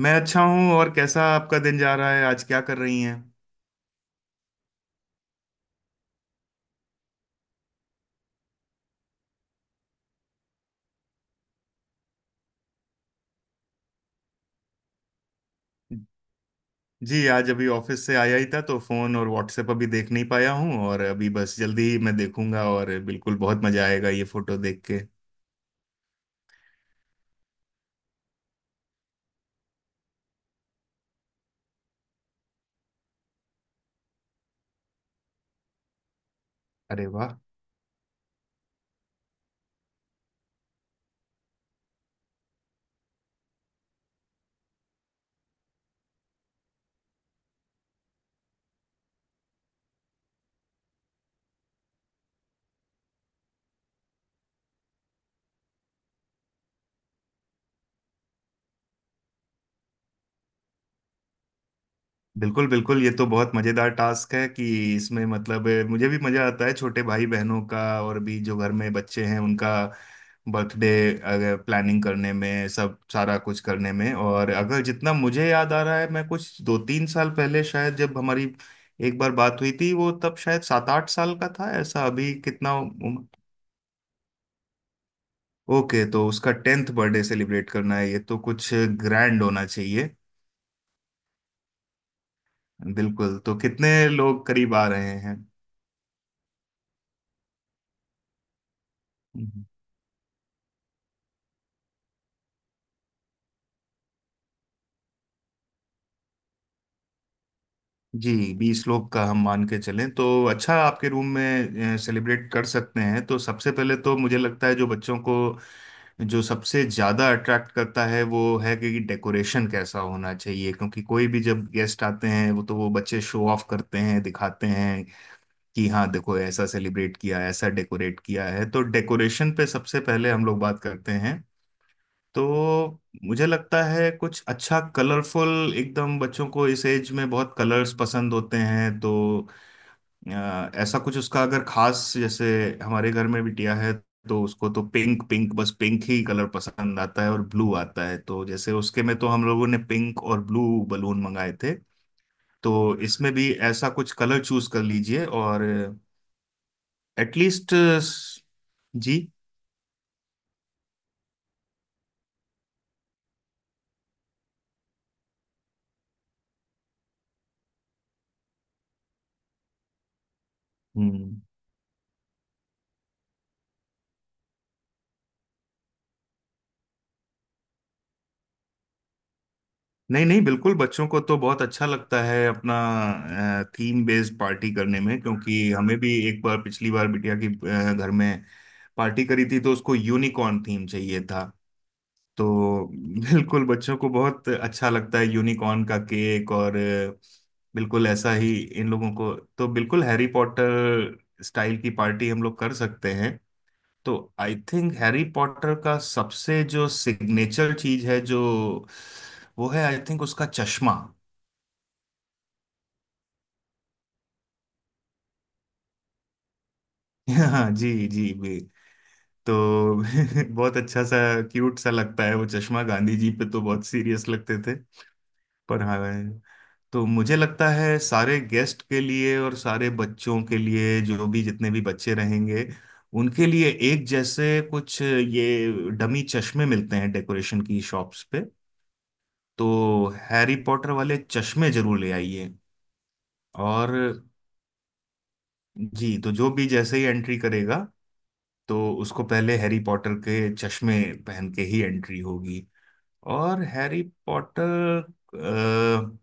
मैं अच्छा हूँ। और कैसा आपका दिन जा रहा है, आज क्या कर रही हैं। जी आज अभी ऑफिस से आया ही था तो फोन और व्हाट्सएप अभी देख नहीं पाया हूँ। और अभी बस जल्दी ही मैं देखूंगा, और बिल्कुल बहुत मजा आएगा ये फोटो देख के। अरे वाह। बिल्कुल बिल्कुल, ये तो बहुत मजेदार टास्क है कि इसमें मतलब मुझे भी मजा आता है छोटे भाई बहनों का और भी जो घर में बच्चे हैं उनका बर्थडे अगर प्लानिंग करने में, सब सारा कुछ करने में। और अगर जितना मुझे याद आ रहा है, मैं कुछ 2-3 साल पहले शायद जब हमारी एक बार बात हुई थी, वो तब शायद 7-8 साल का था ऐसा। अभी कितना उम्र। ओके तो उसका 10th बर्थडे सेलिब्रेट करना है, ये तो कुछ ग्रैंड होना चाहिए। बिल्कुल, तो कितने लोग करीब आ रहे हैं। जी 20 लोग का हम मान के चलें तो अच्छा, आपके रूम में सेलिब्रेट कर सकते हैं। तो सबसे पहले तो मुझे लगता है जो बच्चों को जो सबसे ज़्यादा अट्रैक्ट करता है वो है कि डेकोरेशन कैसा होना चाहिए, क्योंकि कोई भी जब गेस्ट आते हैं वो तो वो बच्चे शो ऑफ करते हैं, दिखाते हैं कि हाँ देखो ऐसा सेलिब्रेट किया, ऐसा डेकोरेट किया है। तो डेकोरेशन पे सबसे पहले हम लोग बात करते हैं। तो मुझे लगता है कुछ अच्छा कलरफुल एकदम, बच्चों को इस एज में बहुत कलर्स पसंद होते हैं। तो अ, ऐसा कुछ उसका अगर खास, जैसे हमारे घर में बिटिया है तो उसको तो पिंक पिंक बस पिंक ही कलर पसंद आता है और ब्लू आता है। तो जैसे उसके में तो हम लोगों ने पिंक और ब्लू बलून मंगाए थे। तो इसमें भी ऐसा कुछ कलर चूज कर लीजिए। और एटलीस्ट जी। हम्म। नहीं नहीं, बिल्कुल बच्चों को तो बहुत अच्छा लगता है अपना थीम बेस्ड पार्टी करने में। क्योंकि हमें भी एक बार पिछली बार बिटिया की घर में पार्टी करी थी तो उसको यूनिकॉर्न थीम चाहिए था। तो बिल्कुल बच्चों को बहुत अच्छा लगता है यूनिकॉर्न का केक। और बिल्कुल ऐसा ही इन लोगों को तो बिल्कुल हैरी पॉटर स्टाइल की पार्टी हम लोग कर सकते हैं। तो आई थिंक हैरी पॉटर का सबसे जो सिग्नेचर चीज है जो, वो है आई थिंक उसका चश्मा। हाँ जी, जी भी। तो बहुत अच्छा सा क्यूट सा लगता है वो चश्मा। गांधी जी पे तो बहुत सीरियस लगते थे, पर हाँ। तो मुझे लगता है सारे गेस्ट के लिए और सारे बच्चों के लिए, जो भी जितने भी बच्चे रहेंगे उनके लिए एक जैसे कुछ ये डमी चश्मे मिलते हैं डेकोरेशन की शॉप्स पे, तो हैरी पॉटर वाले चश्मे जरूर ले आइए। और जी, तो जो भी जैसे ही एंट्री करेगा तो उसको पहले हैरी पॉटर के चश्मे पहन के ही एंट्री होगी। और हैरी पॉटर अ,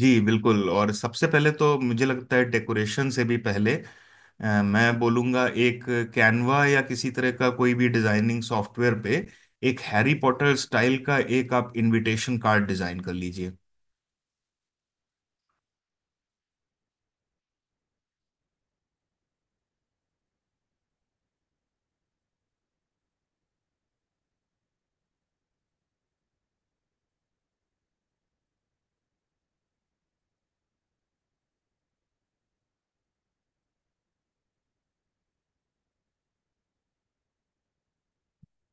जी बिल्कुल। और सबसे पहले तो मुझे लगता है डेकोरेशन से भी पहले, मैं बोलूँगा एक कैनवा या किसी तरह का कोई भी डिजाइनिंग सॉफ्टवेयर पे एक हैरी पॉटर स्टाइल का एक आप इनविटेशन कार्ड डिजाइन कर लीजिए।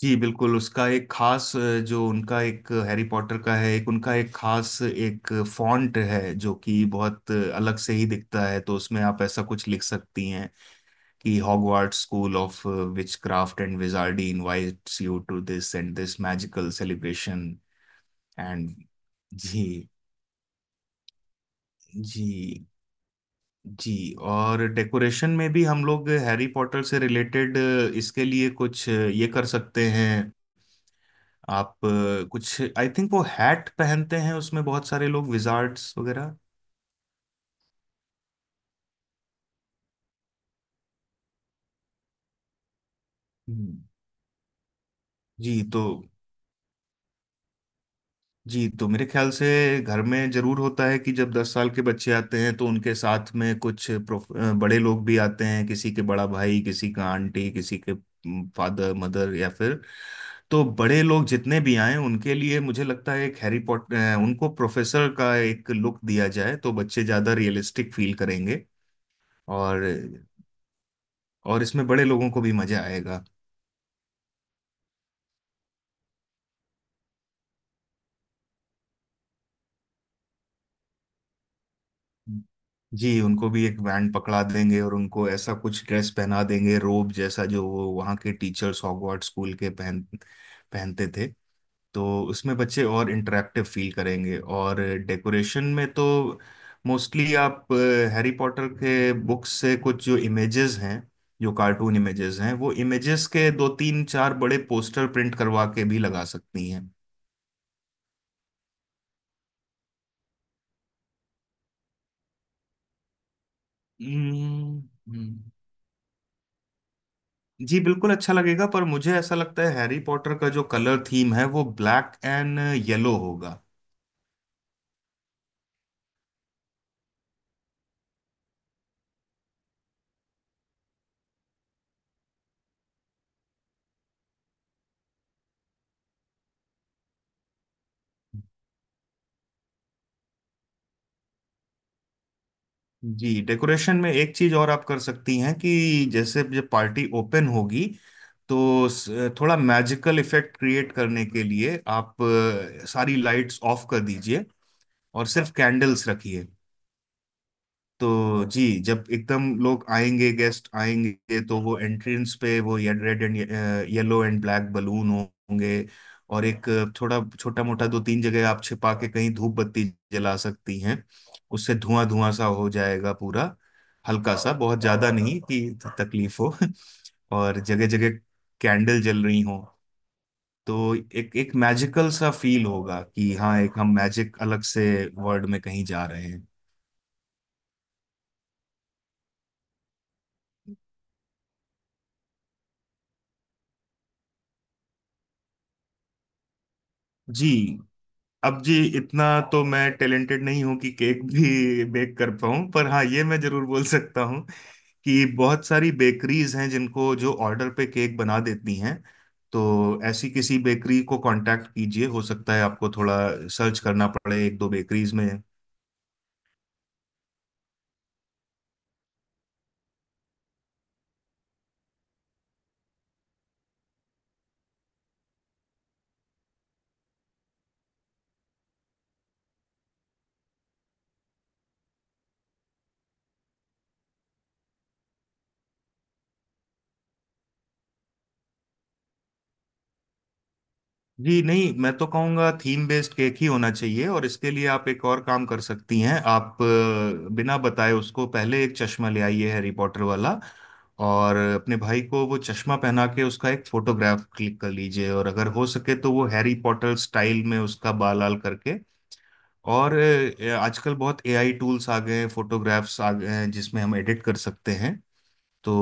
जी बिल्कुल, उसका एक खास जो उनका एक हैरी पॉटर का है, एक उनका एक खास एक फॉन्ट है जो कि बहुत अलग से ही दिखता है, तो उसमें आप ऐसा कुछ लिख सकती हैं कि Hogwarts school of witchcraft and wizardry invites you to this and this magical celebration and. जी जी जी। और डेकोरेशन में भी हम लोग हैरी पॉटर से रिलेटेड इसके लिए कुछ ये कर सकते हैं। आप कुछ आई थिंक वो हैट पहनते हैं उसमें, बहुत सारे लोग विजार्ड्स वगैरह। हम्म, जी तो। जी तो मेरे ख्याल से घर में जरूर होता है कि जब 10 साल के बच्चे आते हैं तो उनके साथ में कुछ बड़े लोग भी आते हैं, किसी के बड़ा भाई, किसी का आंटी, किसी के फादर मदर या फिर। तो बड़े लोग जितने भी आए उनके लिए मुझे लगता है एक हैरी पॉटर उनको प्रोफेसर का एक लुक दिया जाए, तो बच्चे ज्यादा रियलिस्टिक फील करेंगे। और और इसमें बड़े लोगों को भी मजा आएगा। जी उनको भी एक बैंड पकड़ा देंगे और उनको ऐसा कुछ ड्रेस पहना देंगे रोब जैसा, जो वो वहाँ के टीचर्स हॉगवर्ट्स स्कूल के पहनते थे। तो उसमें बच्चे और इंटरेक्टिव फील करेंगे। और डेकोरेशन में तो मोस्टली आप हैरी पॉटर के बुक्स से कुछ जो इमेजेस हैं, जो कार्टून इमेजेस हैं, वो इमेजेस के दो तीन चार बड़े पोस्टर प्रिंट करवा के भी लगा सकती हैं। हम्म। हम्म। जी बिल्कुल अच्छा लगेगा, पर मुझे ऐसा लगता है हैरी पॉटर का जो कलर थीम है वो ब्लैक एंड येलो होगा। जी डेकोरेशन में एक चीज और आप कर सकती हैं कि जैसे जब पार्टी ओपन होगी तो थोड़ा मैजिकल इफेक्ट क्रिएट करने के लिए आप सारी लाइट्स ऑफ कर दीजिए और सिर्फ कैंडल्स रखिए। तो जी जब एकदम लोग आएंगे, गेस्ट आएंगे, तो वो एंट्रेंस पे वो ये, red and yellow and black balloon होंगे। और एक थोड़ा छोटा मोटा दो तीन जगह आप छिपा के कहीं धूप बत्ती जला सकती हैं। उससे धुआं धुआं सा हो जाएगा पूरा, हल्का सा, बहुत ज्यादा नहीं कि तकलीफ हो। और जगह जगह कैंडल जल रही हो तो एक एक मैजिकल सा फील होगा कि हाँ एक हम मैजिक अलग से वर्ल्ड में कहीं जा रहे हैं। जी। अब जी इतना तो मैं टैलेंटेड नहीं हूं कि केक भी बेक कर पाऊं, पर हाँ ये मैं जरूर बोल सकता हूं कि बहुत सारी बेकरीज हैं जिनको जो ऑर्डर पे केक बना देती हैं। तो ऐसी किसी बेकरी को कांटेक्ट कीजिए, हो सकता है आपको थोड़ा सर्च करना पड़े 1-2 बेकरीज में। जी नहीं, मैं तो कहूँगा थीम बेस्ड केक ही होना चाहिए। और इसके लिए आप एक और काम कर सकती हैं, आप बिना बताए उसको पहले एक चश्मा ले आइए हैरी पॉटर वाला। और अपने भाई को वो चश्मा पहना के उसका एक फोटोग्राफ क्लिक कर लीजिए, और अगर हो सके तो वो हैरी पॉटर स्टाइल में उसका बाल लाल करके। और आजकल बहुत एआई टूल्स आ गए हैं, फोटोग्राफ्स आ गए हैं जिसमें हम एडिट कर सकते हैं। तो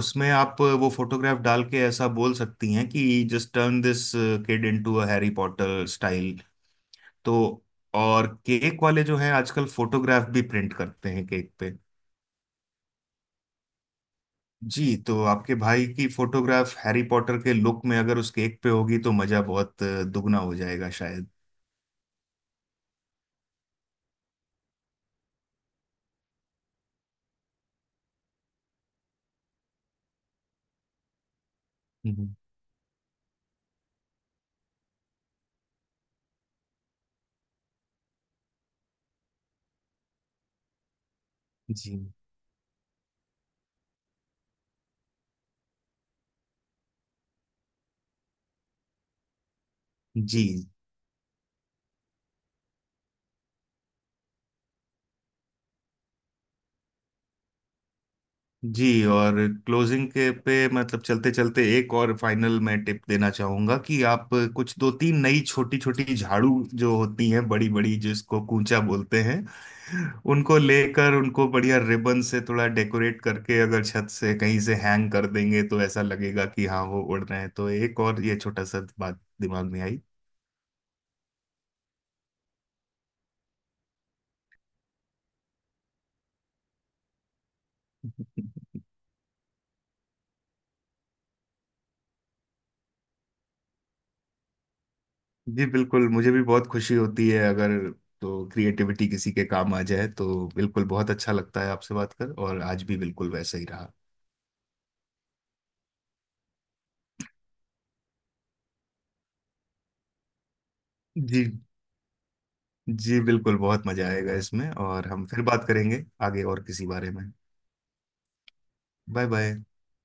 उसमें आप वो फोटोग्राफ डाल के ऐसा बोल सकती हैं कि just turn this kid into a Harry Potter style. तो और केक वाले जो हैं आजकल फोटोग्राफ भी प्रिंट करते हैं केक पे। जी तो आपके भाई की फोटोग्राफ हैरी पॉटर के लुक में अगर उस केक पे होगी तो मजा बहुत दुगना हो जाएगा शायद। हम्म, जी जी जी। और क्लोजिंग के पे मतलब चलते चलते एक और फाइनल मैं टिप देना चाहूंगा कि आप कुछ दो तीन नई छोटी छोटी झाड़ू जो होती हैं बड़ी बड़ी जिसको कूंचा बोलते हैं, उनको लेकर उनको बढ़िया रिबन से थोड़ा डेकोरेट करके अगर छत से कहीं से हैंग कर देंगे तो ऐसा लगेगा कि हाँ वो उड़ रहे हैं। तो एक और ये छोटा सा बात दिमाग में आई। जी बिल्कुल, मुझे भी बहुत खुशी होती है अगर तो क्रिएटिविटी किसी के काम आ जाए तो बिल्कुल। बहुत अच्छा लगता है आपसे बात कर, और आज भी बिल्कुल वैसा ही रहा। जी। जी बिल्कुल, बहुत मजा आएगा इसमें। और हम फिर बात करेंगे आगे और किसी बारे में। Bye bye.